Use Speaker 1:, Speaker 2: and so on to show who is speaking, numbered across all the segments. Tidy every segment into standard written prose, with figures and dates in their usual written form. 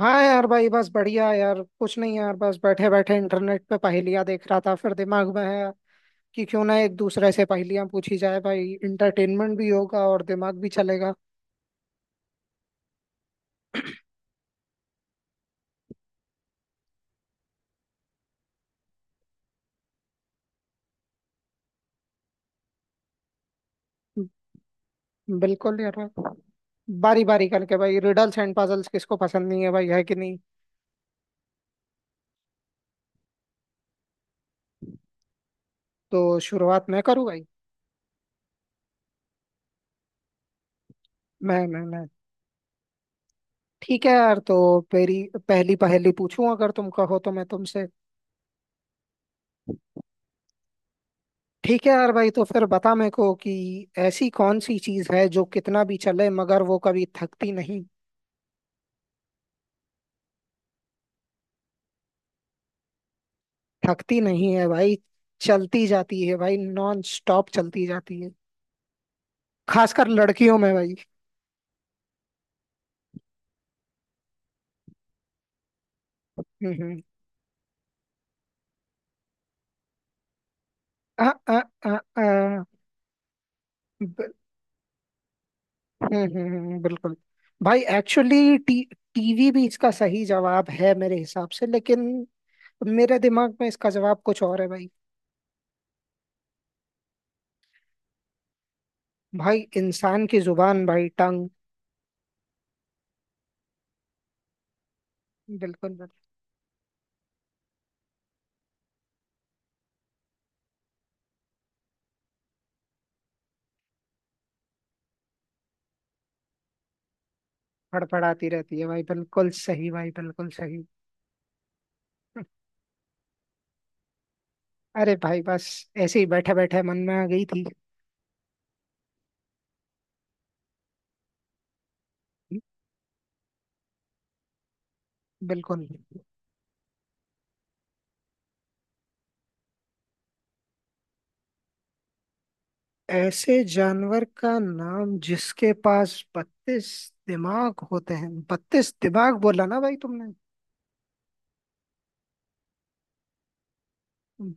Speaker 1: हाँ यार भाई, बस बढ़िया। यार कुछ नहीं, यार बस बैठे बैठे इंटरनेट पे पहेलियां देख रहा था। फिर दिमाग में आया कि क्यों ना एक दूसरे से पहेलियां पूछी जाए। भाई इंटरटेनमेंट भी होगा और दिमाग भी चलेगा। बिल्कुल यार भाई, बारी बारी करके। भाई रिडल्स एंड पजल्स किसको पसंद नहीं है भाई, है कि नहीं। तो शुरुआत मैं करूँ भाई? मैं ठीक है यार। तो मेरी पहली पहेली पूछूं अगर तुम कहो तो मैं तुमसे। ठीक है यार भाई, तो फिर बता मेरे को कि ऐसी कौन सी चीज है जो कितना भी चले मगर वो कभी थकती नहीं। थकती नहीं है भाई। चलती जाती है भाई, नॉन स्टॉप चलती जाती है। खासकर लड़कियों में भाई। हम्म। आ, आ, आ, आ, ब- बिल्कुल। भाई एक्चुअली टी टीवी भी इसका सही जवाब है मेरे हिसाब से, लेकिन मेरे दिमाग में इसका जवाब कुछ और है भाई। भाई इंसान की जुबान भाई, टंग। बिल्कुल बिल्कुल। फड़फड़ाती रहती है भाई, बिल्कुल सही भाई, बिल्कुल सही। अरे भाई बस, ऐसे ही बैठे बैठे मन में आ गई थी। बिल्कुल। ऐसे जानवर का नाम जिसके पास 32 दिमाग होते हैं? 32 दिमाग बोला ना भाई तुमने?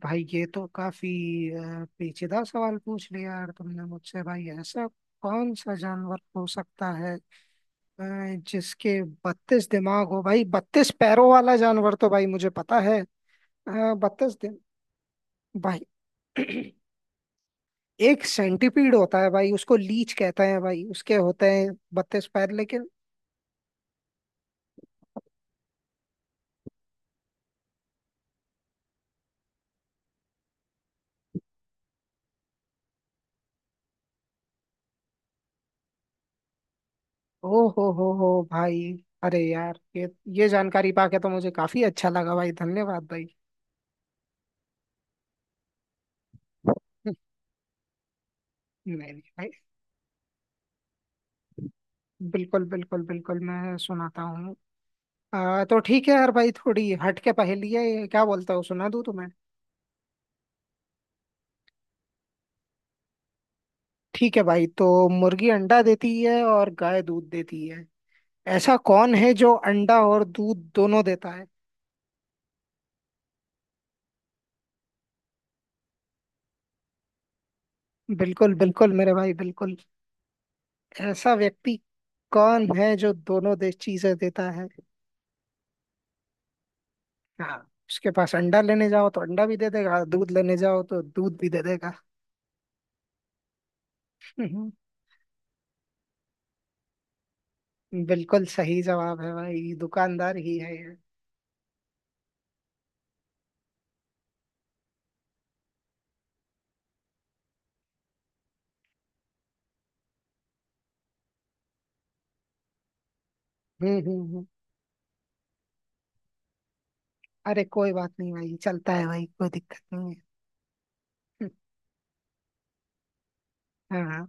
Speaker 1: भाई ये तो काफी पेचीदा सवाल पूछ लिया यार तुमने मुझसे। भाई ऐसा कौन सा जानवर हो सकता है, अ, जिसके 32 दिमाग हो भाई? 32 पैरों वाला जानवर तो भाई मुझे पता है। 32 दिन। भाई एक सेंटीपीड होता है भाई, उसको लीच कहते हैं भाई, उसके होते हैं 32 पैर, लेकिन। ओ हो भाई। अरे यार, ये जानकारी पाके तो मुझे काफी अच्छा लगा भाई। धन्यवाद भाई। नहीं नहीं भाई। बिल्कुल बिल्कुल बिल्कुल मैं सुनाता हूँ। तो ठीक है यार भाई, थोड़ी हट के पहेली है ये, क्या बोलता हूँ सुना दूँ तुम्हें। ठीक है भाई। तो मुर्गी अंडा देती है और गाय दूध देती है। ऐसा कौन है जो अंडा और दूध दोनों देता है? बिल्कुल बिल्कुल मेरे भाई बिल्कुल। ऐसा व्यक्ति कौन है जो दोनों दे चीजें देता है? हाँ। उसके पास अंडा लेने जाओ तो अंडा भी दे देगा, दूध लेने जाओ तो दूध भी दे देगा। हम्म, बिल्कुल सही जवाब है भाई। दुकानदार ही है ये। हम्म हम्म हम्म। अरे कोई बात नहीं भाई, चलता है भाई, कोई दिक्कत नहीं है। हम्म। हाँ।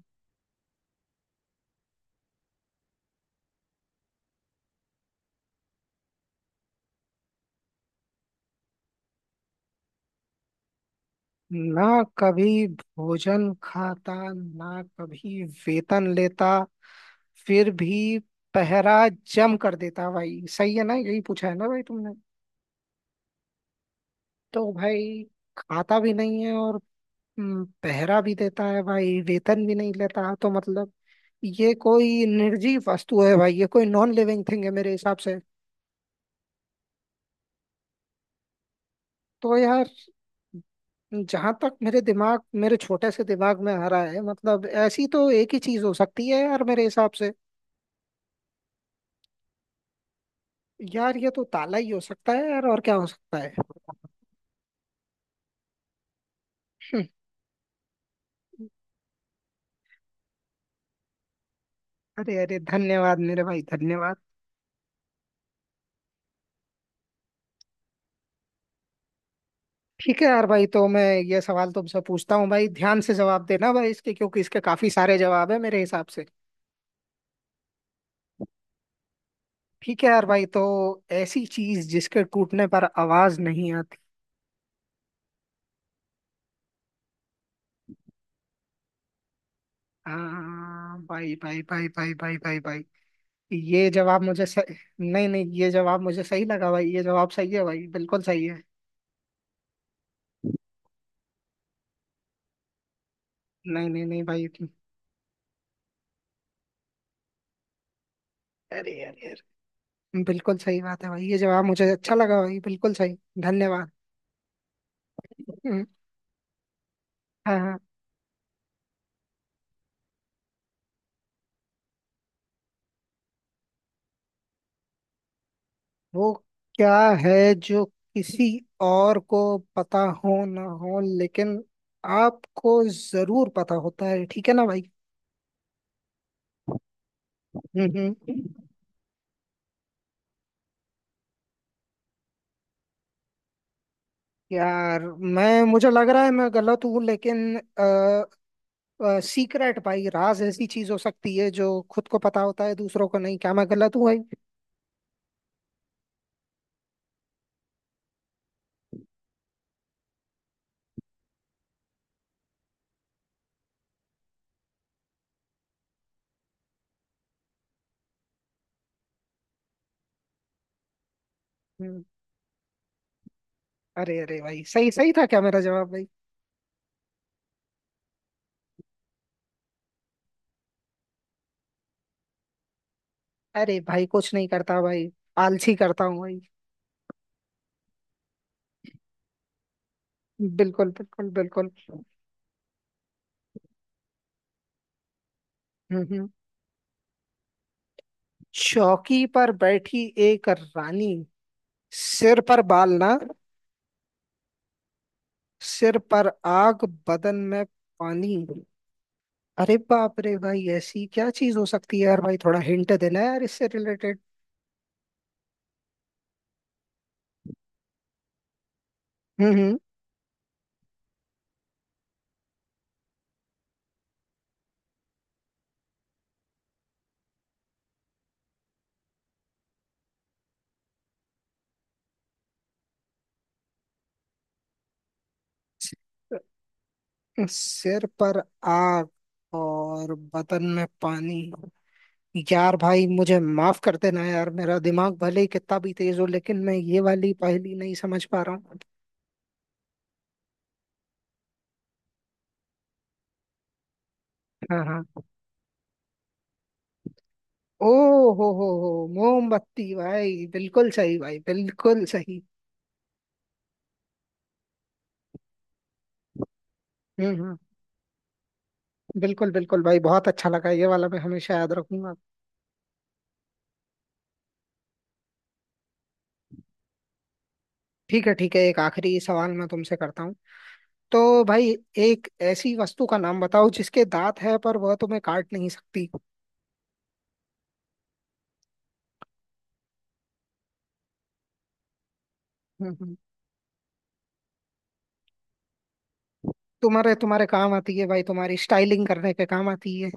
Speaker 1: ना कभी भोजन खाता, ना कभी वेतन लेता, फिर भी पहरा जम कर देता भाई, सही है ना, यही पूछा है ना भाई तुमने? तो भाई खाता भी नहीं है और पहरा भी देता है भाई, वेतन भी नहीं लेता, तो मतलब ये कोई निर्जीव वस्तु है भाई, ये कोई नॉन लिविंग थिंग है मेरे हिसाब से। तो यार जहां तक मेरे छोटे से दिमाग में आ रहा है, मतलब ऐसी तो एक ही चीज हो सकती है यार मेरे हिसाब से। यार ये तो ताला ही हो सकता है यार, और क्या हो सकता है? हम्म, अरे अरे धन्यवाद मेरे भाई, धन्यवाद। ठीक है यार भाई, तो मैं ये सवाल तुमसे पूछता हूँ भाई, ध्यान से जवाब देना भाई इसके, क्योंकि इसके काफी सारे जवाब है मेरे हिसाब से। ठीक है यार भाई। तो ऐसी चीज जिसके टूटने पर आवाज नहीं आती? हाँ भाई भाई भाई भाई भाई भाई भाई, ये जवाब मुझे सही। नहीं नहीं, ये जवाब मुझे सही लगा भाई, ये जवाब सही है भाई, बिल्कुल सही है। नहीं नहीं नहीं भाई। अरे अरे अरे, बिल्कुल सही बात है भाई, ये जवाब मुझे अच्छा लगा भाई, बिल्कुल सही। धन्यवाद। हम्म। हाँ हाँ। वो क्या है जो किसी और को पता हो ना हो, लेकिन आपको जरूर पता होता है, ठीक है ना भाई? हम्म। यार मैं मुझे लग रहा है मैं गलत हूँ लेकिन, सीक्रेट भाई, राज ऐसी चीज हो सकती है जो खुद को पता होता है दूसरों को नहीं। क्या मैं गलत हूँ भाई? हम्म, अरे अरे भाई, सही सही था क्या मेरा जवाब भाई? अरे भाई कुछ नहीं करता भाई, आलसी करता हूँ भाई। बिल्कुल बिल्कुल बिल्कुल। हम्म हम्म। चौकी पर बैठी एक रानी, सिर पर बाल ना? सिर पर आग बदन में पानी। अरे बाप रे भाई, ऐसी क्या चीज हो सकती है यार? भाई थोड़ा हिंट देना यार, इससे रिलेटेड। हम्म सिर पर आग और बदन में पानी। यार भाई मुझे माफ कर देना यार, मेरा दिमाग भले ही कितना भी तेज हो लेकिन मैं ये वाली पहेली नहीं समझ पा रहा हूँ। हाँ हाँ। ओ हो, मोमबत्ती भाई, बिल्कुल सही भाई, बिल्कुल सही। हम्म हम्म बिल्कुल बिल्कुल भाई, बहुत अच्छा लगा ये वाला, मैं हमेशा याद रखूंगा। ठीक है ठीक है, एक आखिरी सवाल मैं तुमसे करता हूँ तो भाई। एक ऐसी वस्तु का नाम बताओ जिसके दांत है पर वह तुम्हें काट नहीं सकती? हम्म हम्म। तुम्हारे तुम्हारे काम आती है भाई, तुम्हारी स्टाइलिंग करने के काम आती है।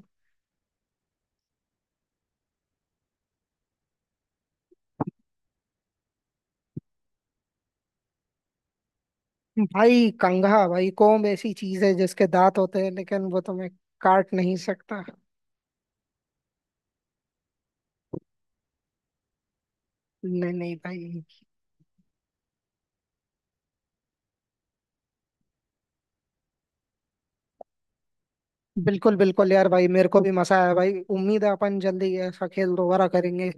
Speaker 1: भाई कंघा, भाई कोम्ब ऐसी चीज है जिसके दांत होते हैं, लेकिन वो तुम्हें काट नहीं सकता। नहीं नहीं भाई। बिल्कुल बिल्कुल यार भाई, मेरे को भी मजा आया भाई, उम्मीद है अपन जल्दी ऐसा खेल दोबारा करेंगे।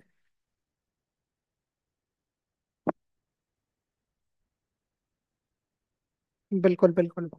Speaker 1: बिल्कुल बिल्कुल।